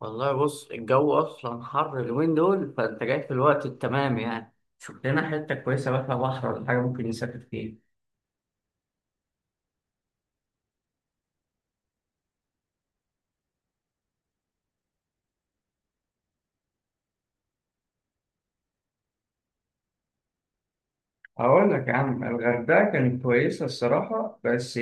والله بص الجو اصلا حر اليومين دول فانت جاي في الوقت التمام يعني. شوف لنا حته كويسه بقى فيها بحر ولا حاجه ممكن نسافر فيها. أقول لك يا عم الغردقة كانت كويسة الصراحة، بس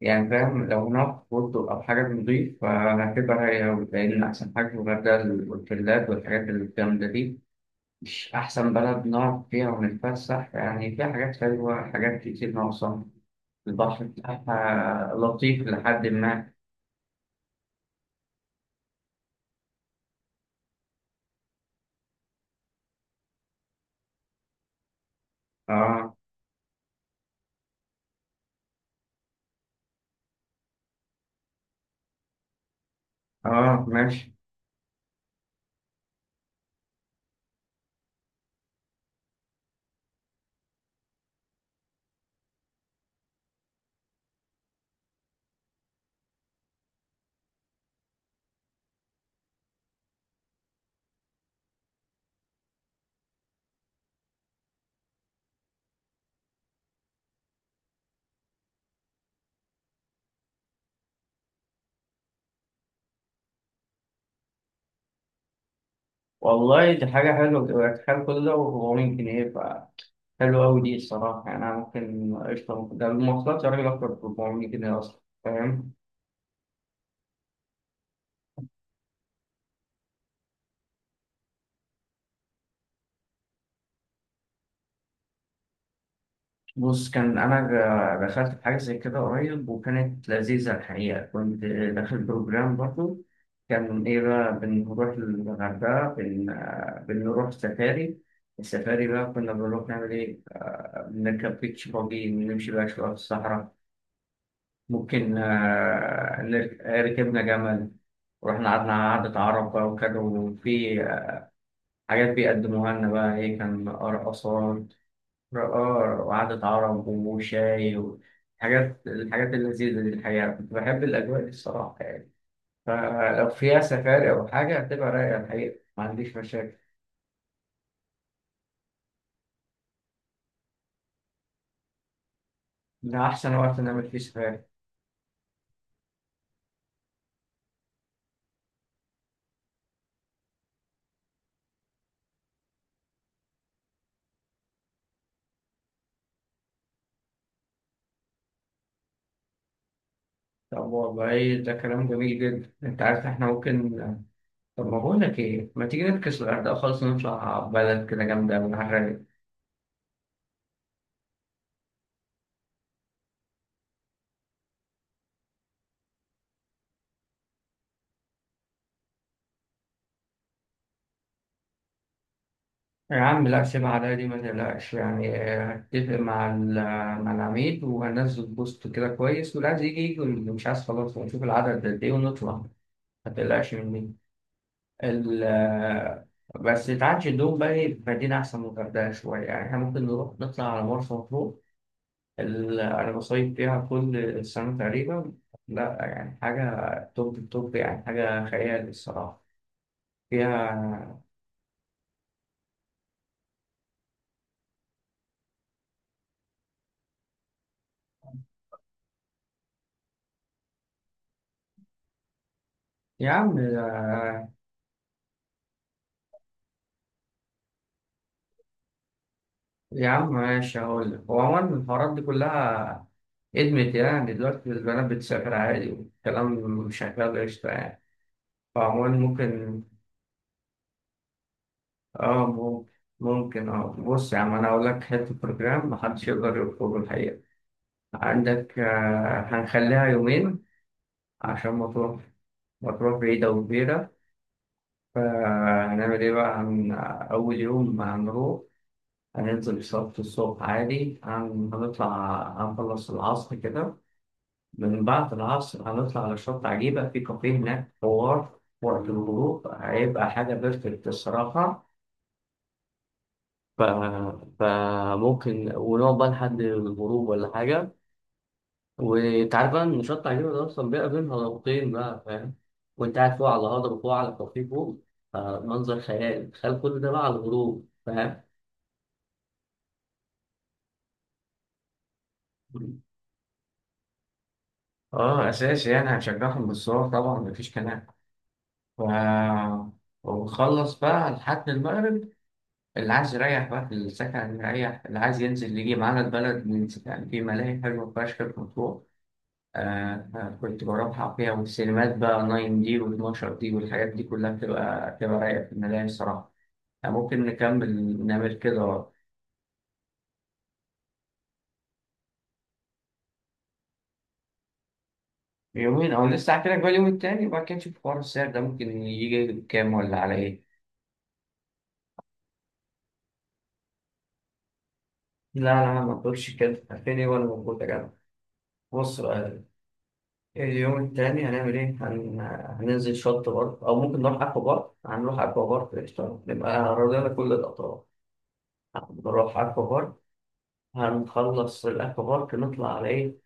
يعني فاهم لو هناك فندق أو حاجة نضيف فهتبقى هي أوي، لأن أحسن حاجة في الغردقة الأوتيلات والحاجات الجامدة دي. مش أحسن بلد نقعد فيها ونتفسح، يعني فيها حاجات حلوة حاجات كتير ناقصة. البحر بتاعها لطيف لحد ما. آه. اه ماشي. والله دي حاجة حلوة، تبقى تخيل كل ده و400 جنيه، فحلوة أوي دي الصراحة. يعني أنا ممكن قشطة ده المواصلات يا راجل أكتر ب 400 جنيه أصلا فاهم. بص كان دخلت في حاجة زي كده قريب وكانت لذيذة الحقيقة، كنت داخل بروجرام برضه. كان إيه بقى بنروح الغردقة بنروح سفاري. السفاري بقى كنا بنروح نعمل إيه، آه، بنركب بيتش باجي ونمشي بقى شوية في الصحراء. ممكن آه، نر- ركبنا جمل ورحنا قعدنا قعدة عرب بقى وكده، وفي حاجات بيقدموها لنا بقى إيه، كان رقصات رقار وقعدة عرب وشاي وحاجات الحاجات اللذيذة دي الحقيقة، كنت بحب الأجواء دي الصراحة. يعني فلو فيها سفاري أو حاجة هتبقى رايقة الحقيقة، ما عنديش مشاكل. ده أحسن وقت نعمل فيه سفاري. طب والله ده كلام جميل جدا. أنت عارف إحنا ممكن، طب ما بقول لك ايه، ما تيجي نفكس الغردقه خالص ونطلع بلد كده جامده من الغردقه. يا عم لا، سيب على دي ما تقلقش يعني، هتفق مع مع العميد وهنزل بوست كده كويس، واللي عايز يجي يجي واللي مش عايز خلاص، ونشوف العدد قد ايه ونطلع. ما تقلقش مني. ال آه، بس تعالش الدوم بقى إيه، في مدينة أحسن من الغردقة شوية، يعني إحنا ممكن نروح نطلع على مرسى مطروح. أنا بصيف فيها كل سنة تقريبا، لا يعني حاجة توب التوب، يعني حاجة خيال الصراحة. يا يا عم يا عم ماشي، هقول لك هو عموما الحوارات دي كلها ادمت يعني، دلوقتي البنات بتسافر عادي والكلام شغال قشطة يعني، فعموما ممكن. اه ممكن بص يا عم انا هقول لك حتة بروجرام محدش يقدر يرفضه الحقيقة. عندك هنخليها يومين عشان ما تروح بعيدة وكبيرة. فهنعمل ايه بقى هن... آه، أول يوم هنروح، هننزل صلاة الصبح عادي، هنطلع، هنخلص العصر كده. من بعد العصر هنطلع على شط عجيبة، في كافيه هناك حوار وقت الغروب هيبقى حاجة بيرفكت الصراحة. ف... فممكن ونقعد بقى لحد الغروب ولا حاجة. وأنت عارف بقى إن شط عجيبة ده أصلا بيبقى بين هضبتين بقى فاهم، وأنت قاعد فوق على هضبة، فوق على كافيه فوق، منظر خيال. تخيل كل ده بقى على الغروب فاهم؟ اه اساسي، يعني هنشجعهم بالصور طبعا مفيش كلام. ف... وبخلص بقى لحد المغرب، اللي عايز يريح بقى في السكن يريح، اللي عايز ينزل يجي معانا البلد ننزل يعني، في ملاهي حلوة فشخ في مطروح. كنت بروحها فيها، والسينمات بقى 9 دي و12 دي والحاجات دي كلها بتبقى رايقة في الملاهي الصراحة. يعني ممكن نكمل نعمل كده يومين. أو لسه، هحكي لك بقى اليوم التاني وبعد كده نشوف حوار السعر ده ممكن يجي بكام ولا على إيه. لا لا، ما تقولش كده، فين إيه وأنا موجود يا جدع؟ بص، اليوم التاني هنعمل إيه؟ هننزل شط برضه أو ممكن نروح أكوا بارك، هنروح أكوا بارك قشطة، نبقى رضينا كل الأطراف، نروح أكوا بارك، هنخلص الأكوا بارك نطلع على إيه؟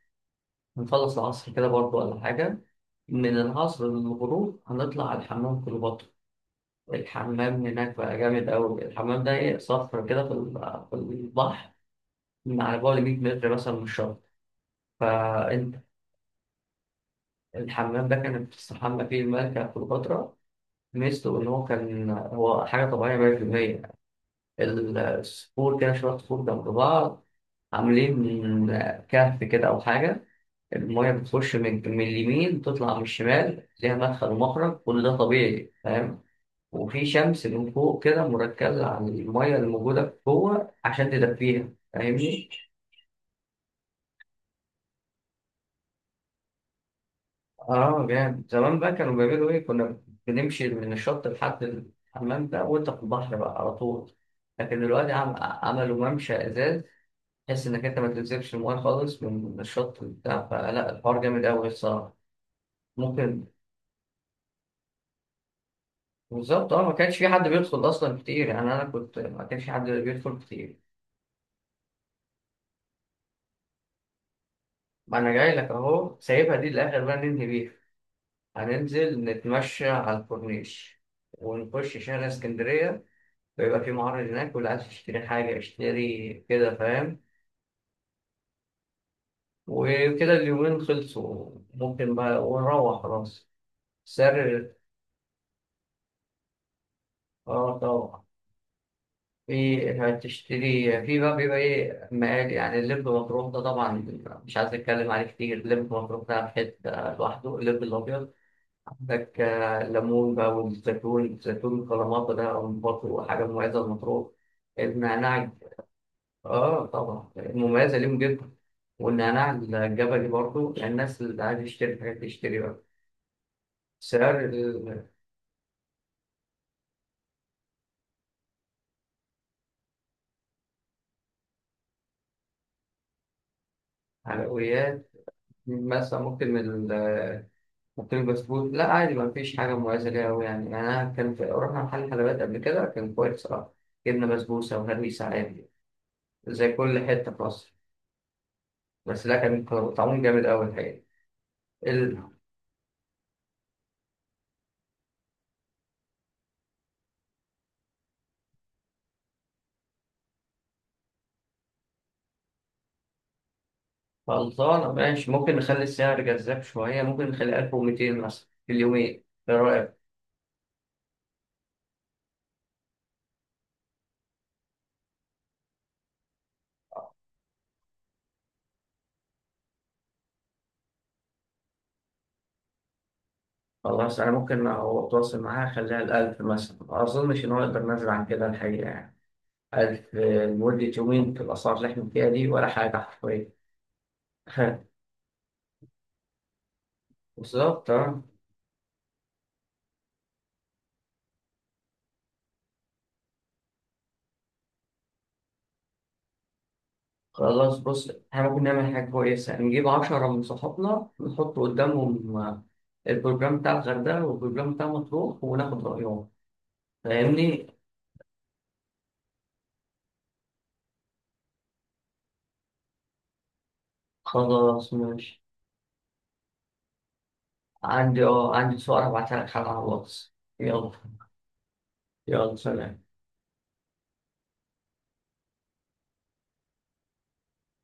هنخلص العصر كده برضه ولا حاجة، من العصر للغروب هنطلع على الحمام كليوباترا. الحمام هناك بقى جامد أوي، الحمام ده إيه، صخرة كده في في البحر، من على بعد 100 متر مثلا من الشط، فأنت. الحمام ده كانت بتستحمى فيه الملكة كليوباترا. ميزته إن هو كان، هو حاجة طبيعية 100%. الصخور كده شوية صخور جنب بعض، عاملين من كهف كده أو حاجة، المية بتخش من اليمين تطلع من الشمال، ليها مدخل ومخرج، كل ده طبيعي فاهم. وفي شمس من فوق كده مركزة على المية اللي موجودة جوه عشان تدفيها فاهمني؟ اه جامد. زمان بقى كانوا بيعملوا ايه، كنا بنمشي من الشط لحد الحمام ده وانت في البحر بقى على طول. لكن دلوقتي عملوا ممشى ازاز، تحس انك انت ما تنزلش المويه خالص من الشط بتاع، فلا الحوار جامد قوي الصراحه. ممكن. بالظبط اه، ما كانش في حد بيدخل اصلا كتير يعني، انا كنت ما كانش في حد بيدخل كتير. ما انا جاي لك اهو، سايبها دي الاخر بقى ننهي بيها. هننزل نتمشى على الكورنيش، ونخش شارع اسكندريه، ويبقى في معرض هناك، واللي عايز يشتري حاجه اشتري كده فاهم. وكده اليومين خلصوا ممكن بقى ونروح خلاص. سر. اه طبعا، في هتشتري في بقى، بيبقى ايه مقال يعني، اللب مطروح ده طبعا مش عايز اتكلم عليه كتير، اللب مطروح ده في حته لوحده، اللب الابيض. عندك ليمون بقى والزيتون، الزيتون كلاماتا ده برضه حاجه مميزه لمطروح. النعناع، اه طبعا مميزه ليهم جدا. والنعناع الجبلي برضه، الناس اللي عايزه تشتري حاجات تشتري بقى. سعر. الحلويات مثلا، ممكن محطين البسكوت، لا عادي ما فيش حاجة مميزة ليها أوي يعني. أنا كان في رحنا محل حلويات قبل كده كان كويس صراحة، جبنا بسبوسة وهريسة عادي زي كل حتة في مصر، بس لا كان طعمهم جامد أوي الحقيقة. ال- خلصانة ماشي. ممكن نخلي السعر جذاب شوية، ممكن نخليه 1200 مثلا في اليومين، إيه رأيك؟ خلاص، أنا ممكن أتواصل معاها أخليها الألف مثلا، ما أظنش إن هو يقدر نزل عن كده الحقيقة يعني، ألف لمدة يومين في الأسعار اللي إحنا فيها دي ولا حاجة حرفيا. بالظبط آه. خلاص بص، احنا ممكن نعمل حاجة كويسة، نجيب 10 من صحابنا نحط قدامهم البروجرام بتاع الغردقة والبروجرام بتاع مطروح وناخد رأيهم، فاهمني؟ خلاص ماشي. عندي صور هبعتها لك على الواتس. يلا. يلا سلام.